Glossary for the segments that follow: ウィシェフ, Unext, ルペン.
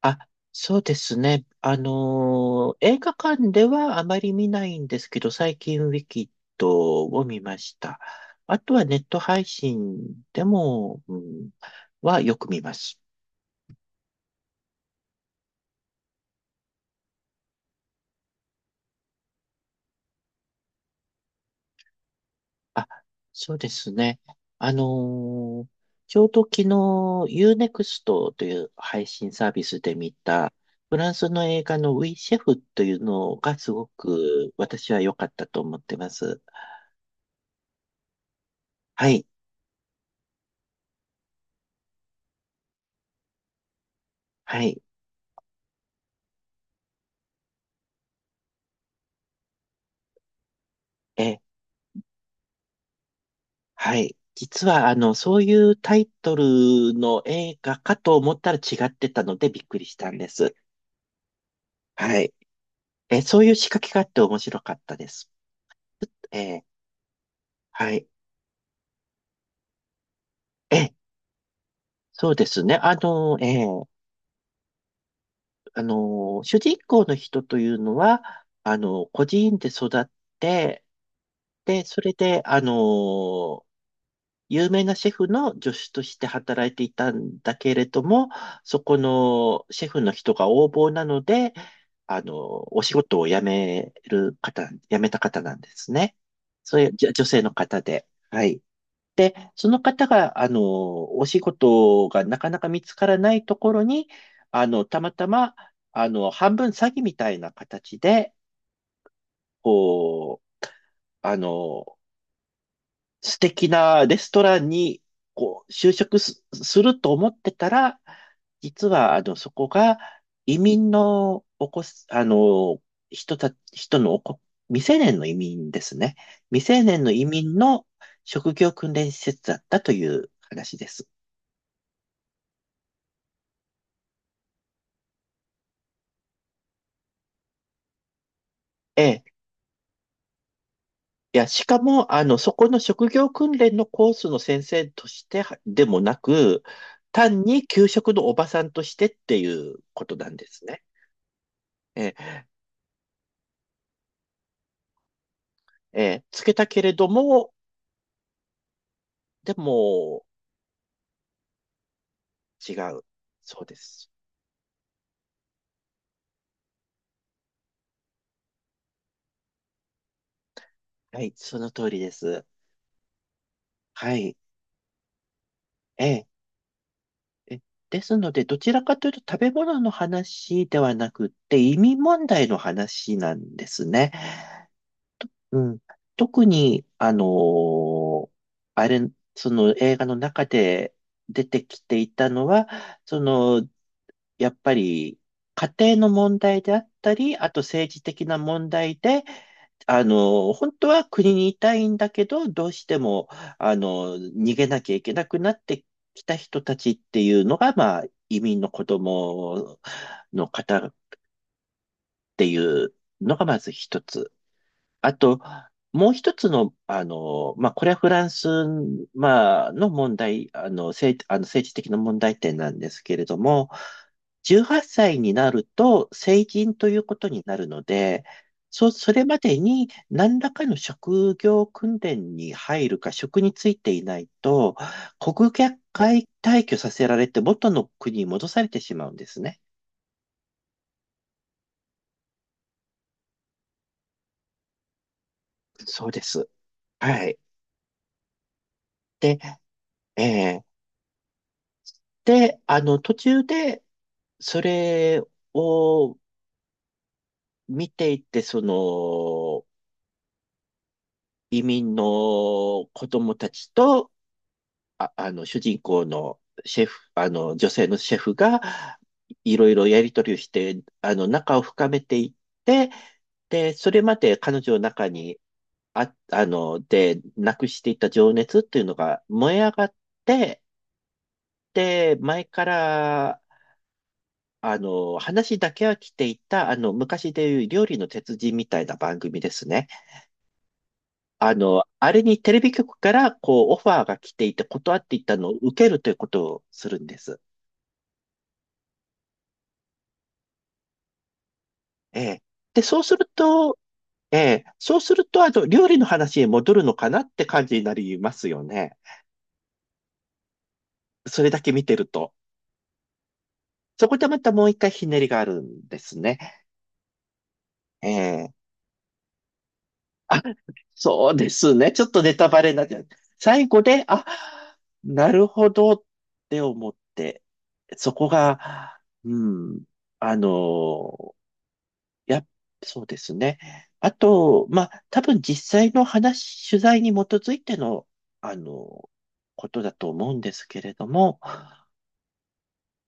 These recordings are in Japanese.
あ、そうですね。映画館ではあまり見ないんですけど、最近ウィキッドを見ました。あとはネット配信でも、うん、はよく見ます。あ、そうですね。あのーちょうど昨日 Unext という配信サービスで見たフランスの映画のウィシェフというのがすごく私は良かったと思ってます。はい、はい。えーはい。実は、あの、そういうタイトルの映画かと思ったら違ってたのでびっくりしたんです。はい。え、そういう仕掛けがあって面白かったです。えーはい。え、そうですね。あの、あの、主人公の人というのは、あの、孤児院で育って、で、それで、あの、有名なシェフの助手として働いていたんだけれども、そこのシェフの人が横暴なので、あの、お仕事を辞める方、辞めた方なんですね。そういうじょ女性の方で。はい。その方が、あの、お仕事がなかなか見つからないところに、あの、たまたま、あの、半分詐欺みたいな形で、こう、あの、素敵なレストランに、こう、就職す、すると思ってたら、実は、あの、そこが移民のおこす、あの、人た、人のおこ、未成年の移民ですね。未成年の移民の職業訓練施設だったという話です。ええ。いや、しかも、あの、そこの職業訓練のコースの先生としてはでもなく、単に給食のおばさんとしてっていうことなんですね。ええ、つけたけれども、でも、違う。そうです。はい、その通りです。はい、ええ、え、ですので、どちらかというと食べ物の話ではなくって、移民問題の話なんですね。うん。特に、あれ、その映画の中で出てきていたのは、その、やっぱり、家庭の問題であったり、あと政治的な問題で、あの、本当は国にいたいんだけど、どうしても、あの、逃げなきゃいけなくなってきた人たちっていうのが、まあ、移民の子供の方っていうのがまず一つ。あと、もう一つの、あの、まあ、これはフランス、まあ、の問題、あの、政、あの政治的な問題点なんですけれども、18歳になると成人ということになるので、そ、それまでに何らかの職業訓練に入るか、職に就いていないと、国外退去させられて元の国に戻されてしまうんですね。そうです。はい。で、えーで、あの、途中で、それを見ていて、その、移民の子供たちと、あ、あの、主人公のシェフ、あの、女性のシェフが、いろいろやりとりをして、あの、仲を深めていって、で、それまで彼女の中にあ、あの、で、なくしていた情熱っていうのが燃え上がって、で、前からあの、話だけは来ていた、あの、昔でいう料理の鉄人みたいな番組ですね。あの、あれにテレビ局から、こう、オファーが来ていて、断っていったのを受けるということをするんです。ええ。で、そうすると、ええ、そうすると、あの、料理の話へ戻るのかなって感じになりますよね。それだけ見てると。そこでまたもう一回ひねりがあるんですね。ええ。そうですね。ちょっとネタバレになっちゃう。最後で、あ、なるほどって思って、そこが、うん、あの、やっ、そうですね。あと、まあ、多分実際の話、取材に基づいての、あの、ことだと思うんですけれども、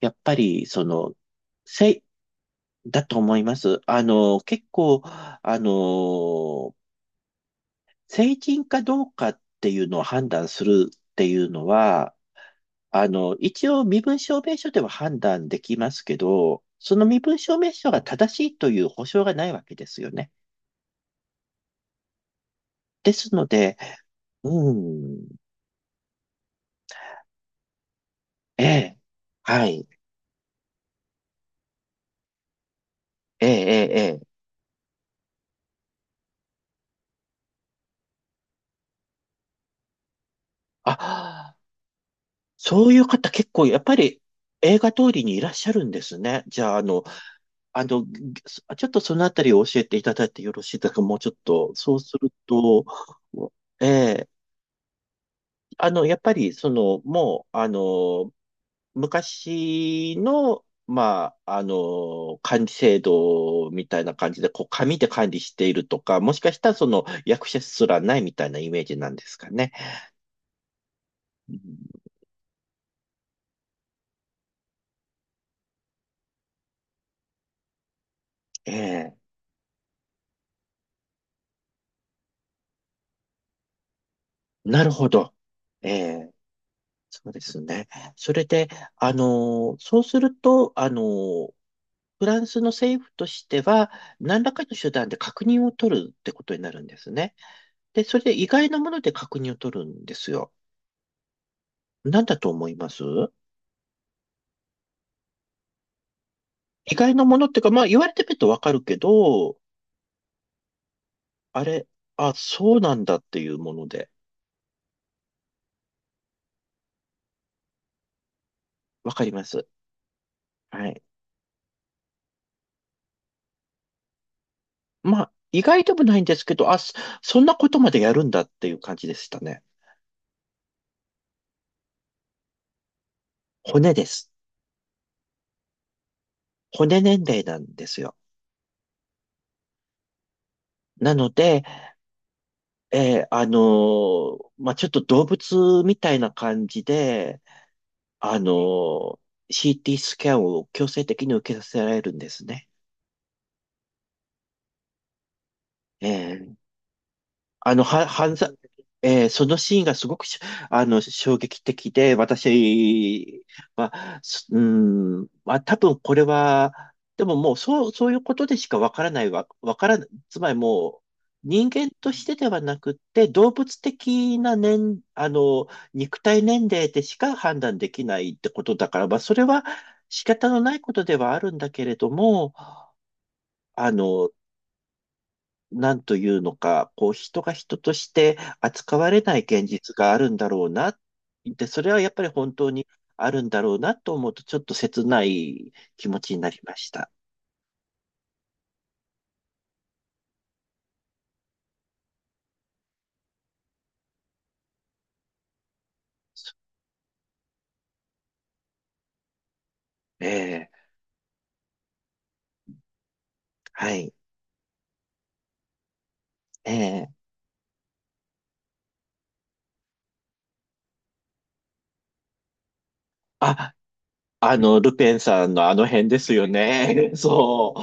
やっぱり、その、せい、だと思います。あの、結構、あの、成人かどうかっていうのを判断するっていうのは、あの、一応身分証明書では判断できますけど、その身分証明書が正しいという保証がないわけですよね。ですので、うん、ええ、はい、ええ、ええ、ええあ、そういう方結構やっぱり映画通りにいらっしゃるんですね。じゃあ、あの、あの、ぎちょっとそのあたりを教えていただいてよろしいですかもうちょっと、そうすると、ええあの、やっぱり、その、もう、あの、昔の、まあ、あの、管理制度みたいな感じで、こう、紙で管理しているとか、もしかしたら、その、役者すらないみたいなイメージなんですかね。うんええ、なるほど。ええ、そうですね。それで、あの、そうすると、あの、フランスの政府としては、何らかの手段で確認を取るってことになるんですね。で、それで意外なもので確認を取るんですよ。なんだと思います意外なものっていうか、まあ言われてみるとわかるけど、あれ、あ、そうなんだっていうもので、わかります。はい。まあ、意外でもないんですけど、あ、そそんなことまでやるんだっていう感じでしたね。骨です。骨年齢なんですよ。なので、まあちょっと動物みたいな感じで、あのー CT スキャンを強制的に受けさせられるんですね。えーあの、は、犯罪、そのシーンがすごくし、あの、衝撃的で、私は、すうん、まあ、多分これは、でももう、そう、そういうことでしかわからないわ、わからない、つまりもう、人間としてではなくって、動物的な年、あの、肉体年齢でしか判断できないってことだから、まあ、それは仕方のないことではあるんだけれども、あの、なんというのか、こう、人が人として扱われない現実があるんだろうな。で、それはやっぱり本当にあるんだろうなと思うと、ちょっと切ない気持ちになりました。ええ、はい。ええ。あ、あの、ルペンさんのあの辺ですよね。そう。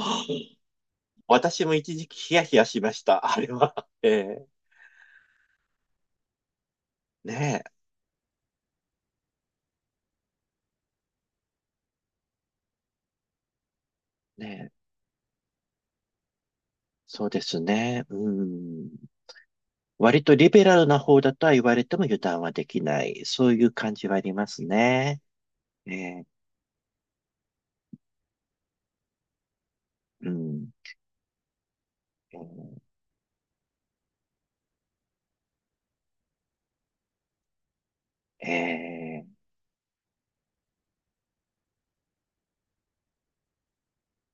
私も一時期ヒヤヒヤしました。あれは。ええ。ねえ。ねえ。そうですね。うん。割とリベラルな方だとは言われても油断はできない。そういう感じはありますね。えーうん。えー